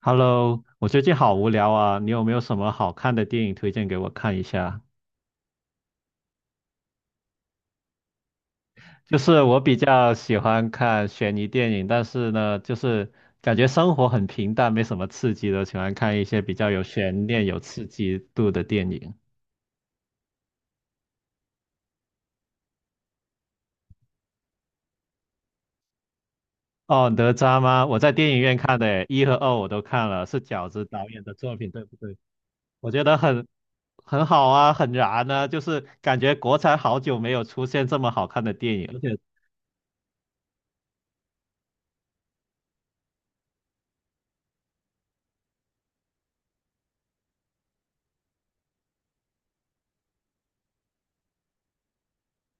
Hello，我最近好无聊啊，你有没有什么好看的电影推荐给我看一下？就是我比较喜欢看悬疑电影，但是呢，就是感觉生活很平淡，没什么刺激的，喜欢看一些比较有悬念、有刺激度的电影。哦，哪吒吗？我在电影院看的诶，一和二我都看了，是饺子导演的作品，对不对？我觉得很好啊，很燃啊，就是感觉国产好久没有出现这么好看的电影，而且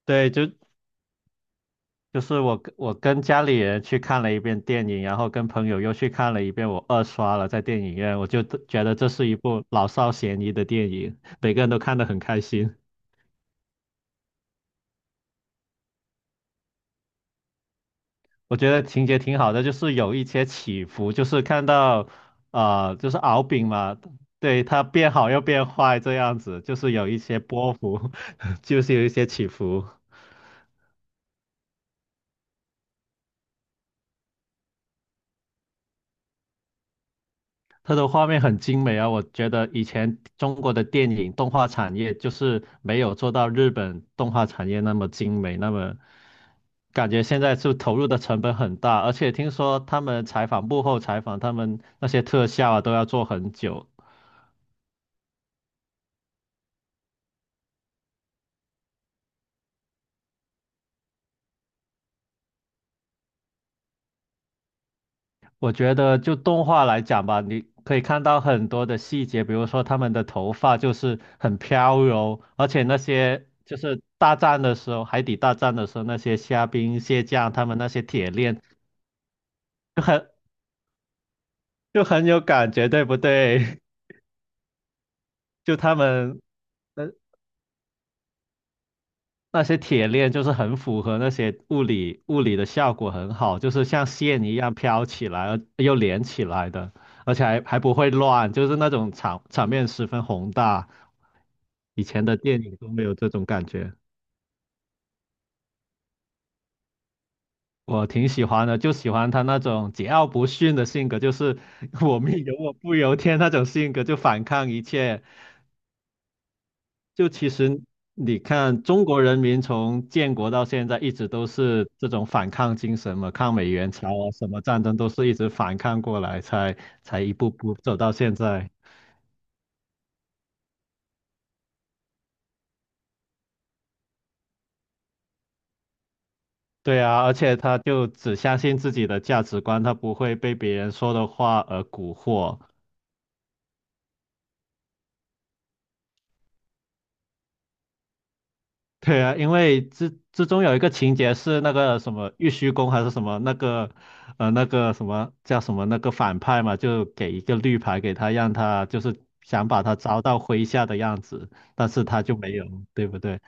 对，就是我跟家里人去看了一遍电影，然后跟朋友又去看了一遍，我二刷了在电影院，我就觉得这是一部老少咸宜的电影，每个人都看得很开心。我觉得情节挺好的，就是有一些起伏，就是看到就是敖丙嘛，对，他变好又变坏这样子，就是有一些波幅，就是有一些起伏。它的画面很精美啊，我觉得以前中国的电影动画产业就是没有做到日本动画产业那么精美，那么感觉现在是投入的成本很大，而且听说他们采访幕后采访，他们那些特效啊都要做很久。我觉得就动画来讲吧，你可以看到很多的细节，比如说他们的头发就是很飘柔，而且那些就是大战的时候，海底大战的时候，那些虾兵蟹将，他们那些铁链。就很就很有感觉，对不对？就他们那那些铁链，就是很符合那些物理的效果很好，就是像线一样飘起来，而又连起来的，而且还不会乱，就是那种场面十分宏大。以前的电影都没有这种感觉，我挺喜欢的，就喜欢他那种桀骜不驯的性格，就是 我命由我不由天那种性格，就反抗一切，就其实你看，中国人民从建国到现在一直都是这种反抗精神嘛，抗美援朝啊，什么战争都是一直反抗过来，才一步步走到现在。对啊，而且他就只相信自己的价值观，他不会被别人说的话而蛊惑。对啊，因为之中有一个情节是那个什么玉虚宫还是什么那个，那个什么叫什么那个反派嘛，就给一个绿牌给他，让他就是想把他招到麾下的样子，但是他就没有，对不对？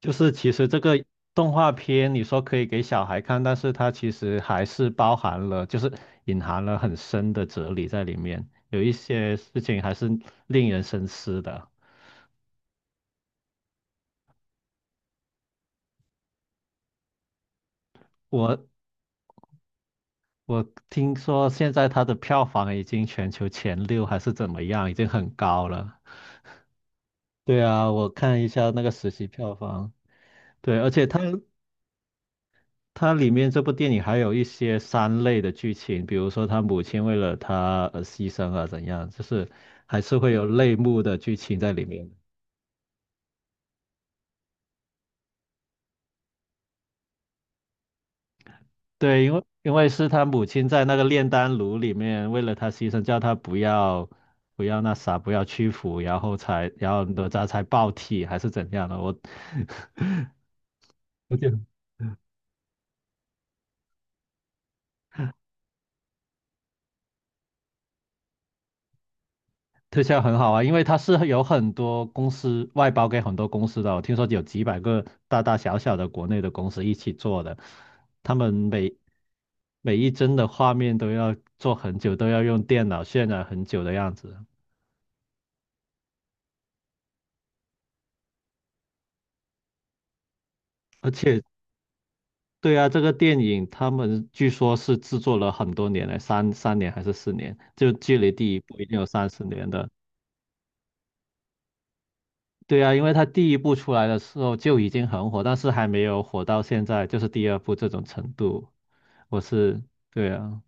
就是其实这个动画片你说可以给小孩看，但是它其实还是包含了，就是隐含了很深的哲理在里面，有一些事情还是令人深思的。我我听说现在它的票房已经全球前六还是怎么样，已经很高了。对啊，我看一下那个实习票房。对，而且它里面这部电影还有一些三类的剧情，比如说他母亲为了他而牺牲啊怎样，就是还是会有泪目的剧情在里面。对，因为是他母亲在那个炼丹炉里面为了他牺牲，叫他不要那啥，不要屈服，然后才然后哪吒才爆体还是怎样的？我 我觉得 特效很好啊，因为它是有很多公司外包给很多公司的哦，我听说有几百个大大小小的国内的公司一起做的，他们每一帧的画面都要做很久，都要用电脑渲染很久的样子。而且对啊，这个电影他们据说是制作了很多年了，三年还是四年，就距离第一部已经有三四年的。对啊，因为他第一部出来的时候就已经很火，但是还没有火到现在，就是第二部这种程度。我是，对啊，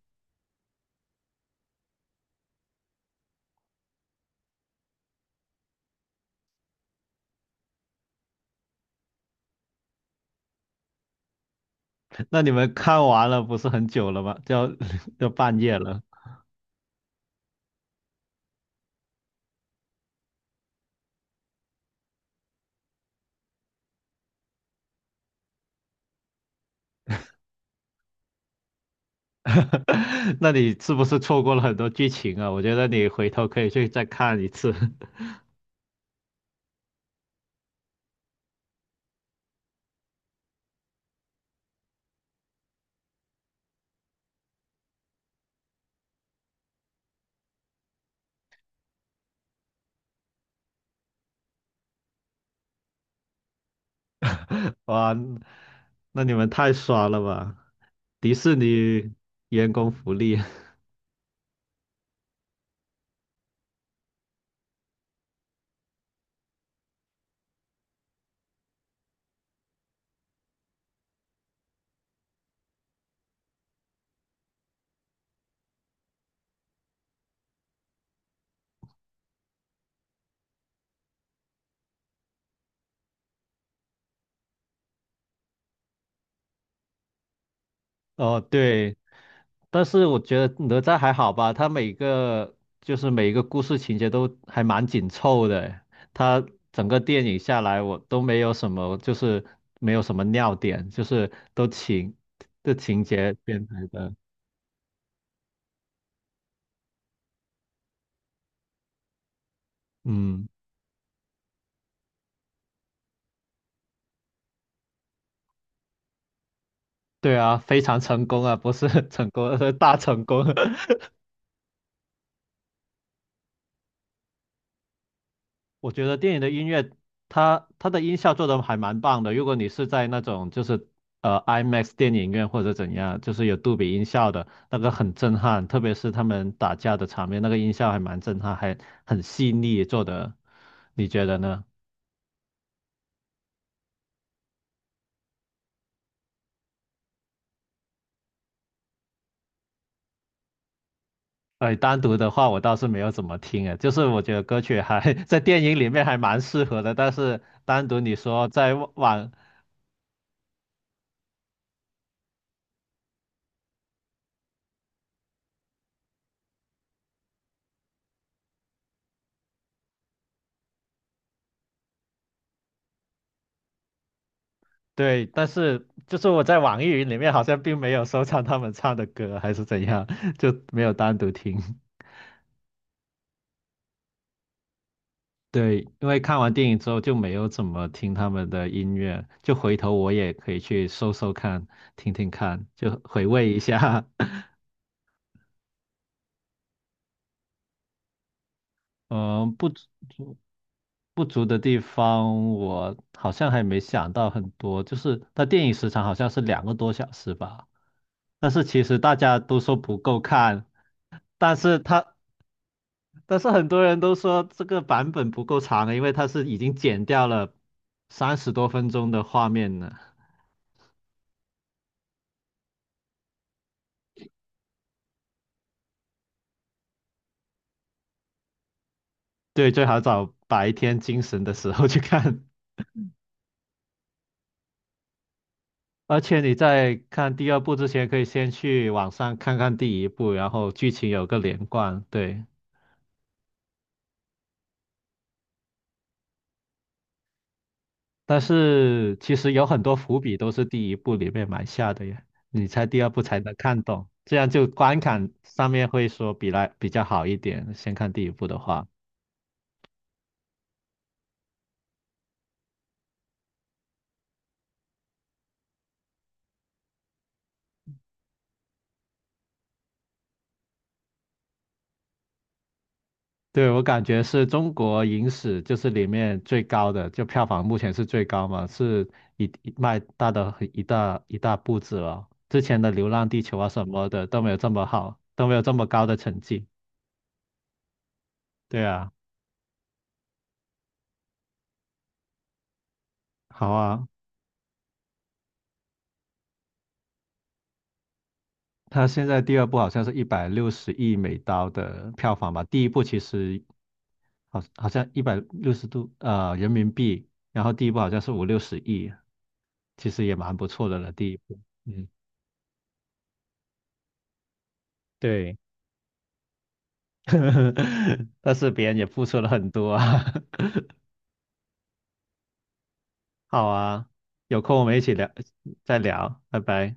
那你们看完了不是很久了吗？要 半夜了，那你是不是错过了很多剧情啊？我觉得你回头可以去再看一次。哇，那你们太爽了吧！迪士尼员工福利 哦，对，但是我觉得哪吒还好吧，他每个就是每一个故事情节都还蛮紧凑的，他整个电影下来我都没有什么，就是没有什么尿点，就是都情节编排的，嗯，对啊，非常成功啊，不是 成功，是大成功。我觉得电影的音乐，它的音效做的还蛮棒的。如果你是在那种就是IMAX 电影院或者怎样，就是有杜比音效的那个很震撼，特别是他们打架的场面，那个音效还蛮震撼，还很细腻做的。你觉得呢？哎，单独的话我倒是没有怎么听诶，就是我觉得歌曲还 在电影里面还蛮适合的，但是单独你说对，但是就是我在网易云里面好像并没有收藏他们唱的歌，还是怎样，就没有单独听。对，因为看完电影之后就没有怎么听他们的音乐，就回头我也可以去搜搜看，听听看，就回味一下。嗯，不足的地方，我好像还没想到很多，就是它电影时长好像是2个多小时吧，但是其实大家都说不够看。但是它但是很多人都说这个版本不够长了，因为它是已经剪掉了30多分钟的画面了。对，最好找白天精神的时候去看。而且你在看第二部之前，可以先去网上看看第一部，然后剧情有个连贯。对，但是其实有很多伏笔都是第一部里面埋下的呀。你猜第二部才能看懂，这样就观感上面会说比来比较好一点。先看第一部的话。对，我感觉是中国影史就是里面最高的，就票房目前是最高嘛，是一迈大的很一大一大步子了。之前的《流浪地球》啊什么的都没有这么好，都没有这么高的成绩。对啊，好啊，它现在第二部好像是160亿美刀的票房吧，第一部其实好像一百六十度人民币，然后第一部好像是五六十亿，其实也蛮不错的了，第一部。嗯。对。但是别人也付出了很多啊。好啊，有空我们一起聊，再聊，拜拜。